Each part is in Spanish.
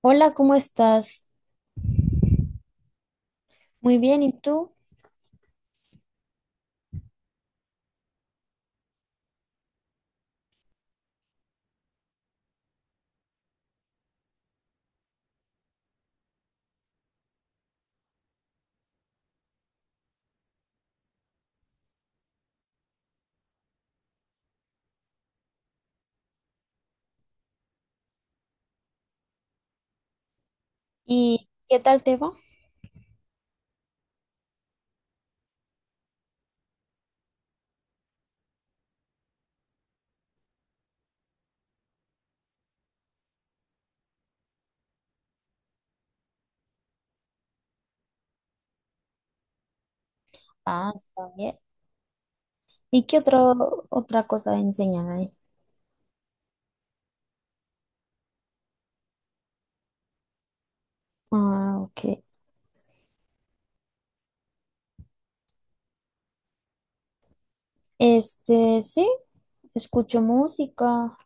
Hola, ¿cómo estás? Muy bien, ¿y tú? ¿Y qué tal te va? Ah, está bien. ¿Y otra cosa enseñan ahí? Ah, ok. Sí, escucho música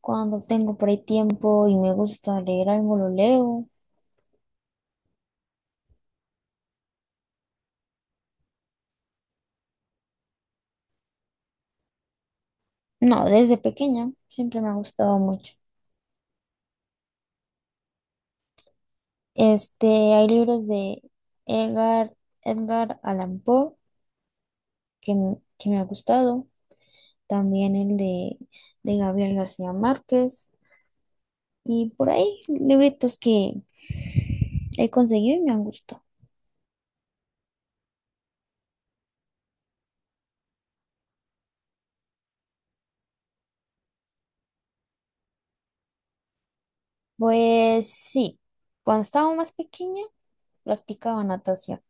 cuando tengo por ahí tiempo y me gusta leer algo, lo leo. No, desde pequeña siempre me ha gustado mucho. Hay libros de Edgar, Edgar Allan Poe que me ha gustado. También de Gabriel García Márquez. Y por ahí, libritos que he conseguido y me han gustado. Pues sí, cuando estaba más pequeña practicaba natación.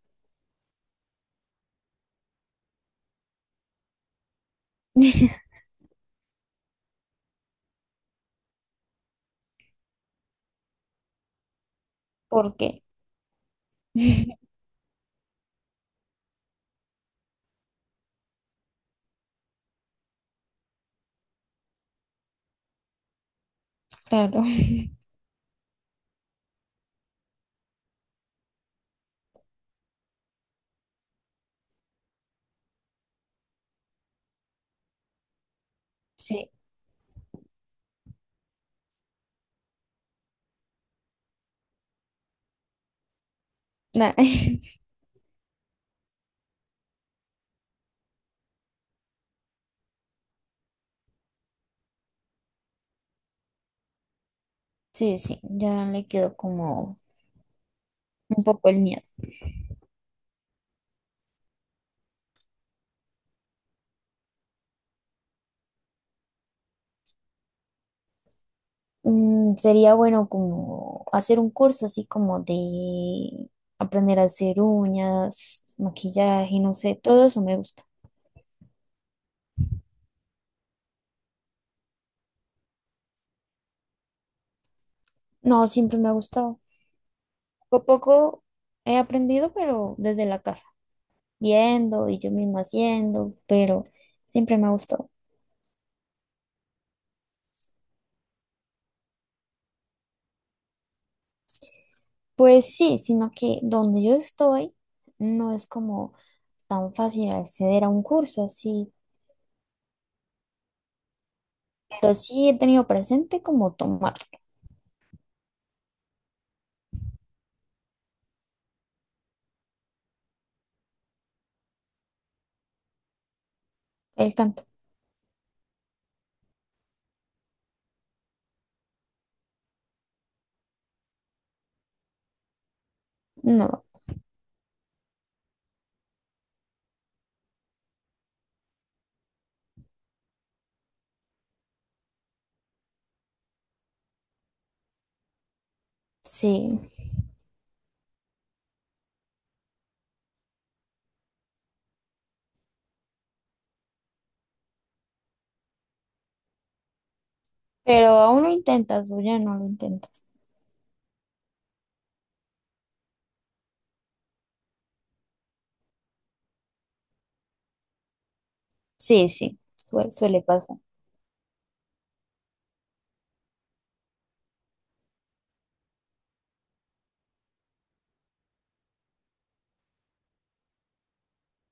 ¿Por qué? Claro, sí. na- Sí, sí, ya le quedó como un poco el miedo. Mm, sería bueno como hacer un curso así como de aprender a hacer uñas, maquillaje, no sé, todo eso me gusta. No, siempre me ha gustado. Poco a poco he aprendido, pero desde la casa, viendo y yo misma haciendo, pero siempre me ha gustado. Pues sí, sino que donde yo estoy no es como tan fácil acceder a un curso así, pero sí he tenido presente como tomar el canto. No, sí, pero aún lo intentas o ya no lo intentas. Sí, sí, suele pasar.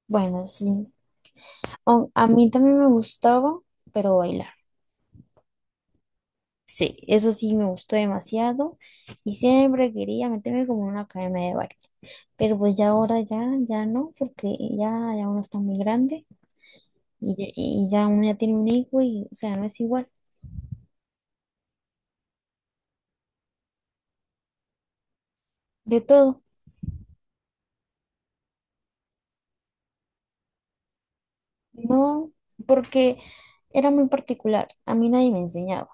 Bueno, sí. A mí también me gustaba, pero bailar. Sí, eso sí me gustó demasiado y siempre quería meterme como en una academia de baile, pero pues ya ahora ya, ya no, porque ya, ya uno está muy grande y ya uno ya tiene un hijo y, o sea, no es igual. De todo, no, porque era muy particular, a mí nadie me enseñaba,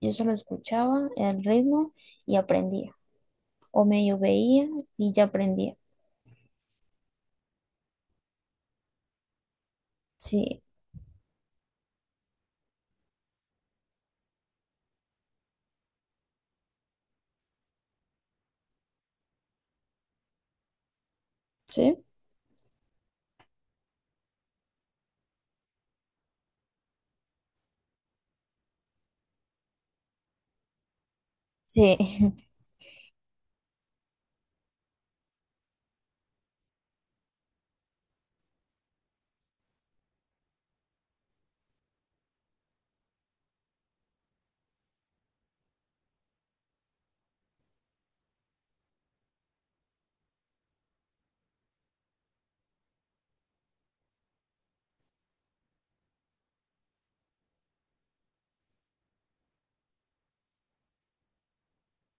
yo solo escuchaba el ritmo y aprendía, o medio veía y ya aprendía, sí, sí, sí,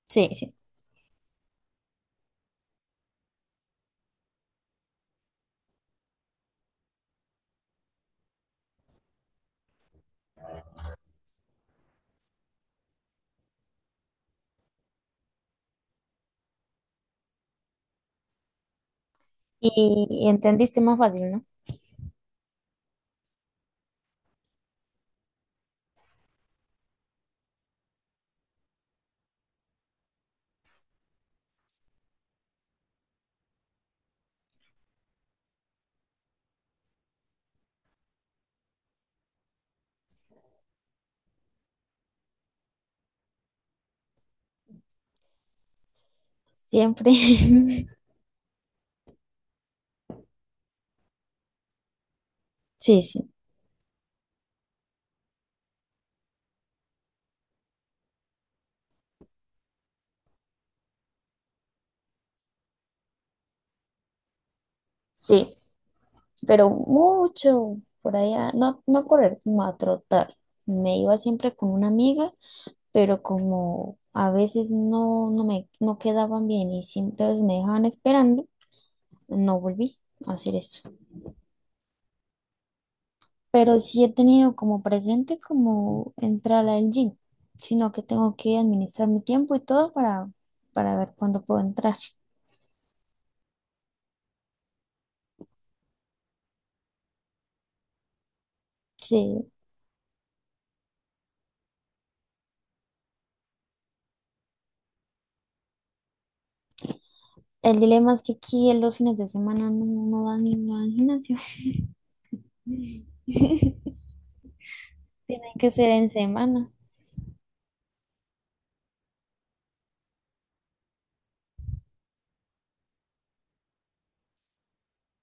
sí, sí, y entendiste más fácil, ¿no? Siempre. Sí, sí. Sí, pero mucho por allá, no, no correr, como a trotar. Me iba siempre con una amiga, pero como a veces no, no me no quedaban bien y siempre pues, me dejaban esperando, no volví a hacer eso. Pero sí he tenido como presente como entrar al gym, sino que tengo que administrar mi tiempo y todo para ver cuándo puedo entrar. Sí, el dilema es que aquí en los fines de semana no, no dan gimnasio. Tienen que ser en semana.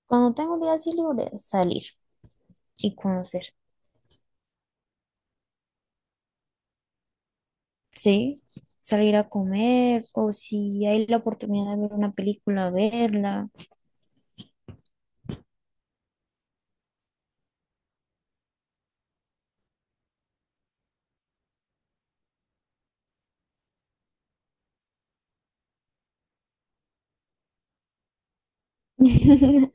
Cuando tengo un día así libre, salir y conocer. Sí, salir a comer o si hay la oportunidad de ver una película, verla.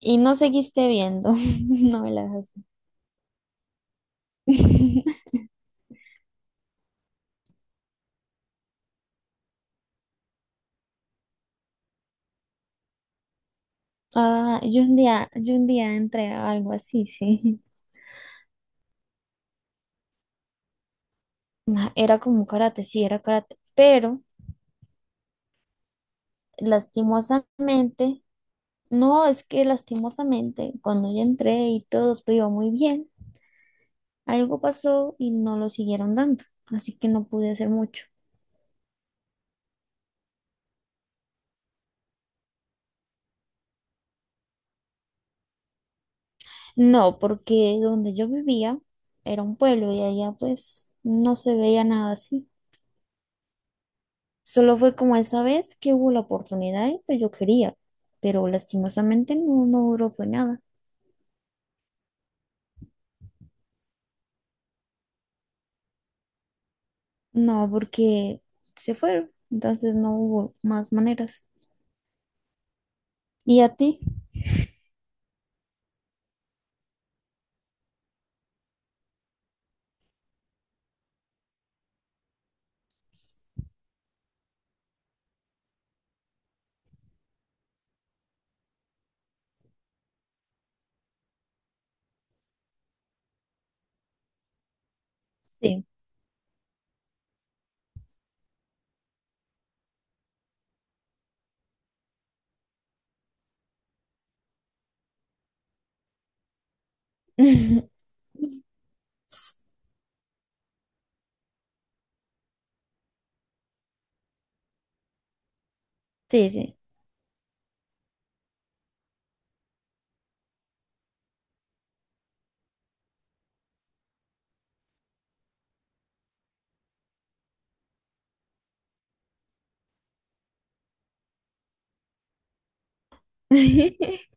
Y no seguiste viendo novelas así. Ah, yo un día entré a algo así, sí. Ma, era como karate, sí, era karate, pero lastimosamente, no, es que lastimosamente, cuando yo entré y todo, todo iba muy bien. Algo pasó y no lo siguieron dando, así que no pude hacer mucho. No, porque donde yo vivía era un pueblo y allá pues no se veía nada así. Solo fue como esa vez que hubo la oportunidad y pues yo quería, pero lastimosamente no, no duró, fue nada. No, porque se fueron, entonces no hubo más maneras. ¿Y a ti? Sí. Sí, sí.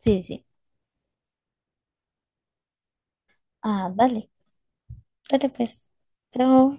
Sí, sí. Ah, dale, dale pues. Chao.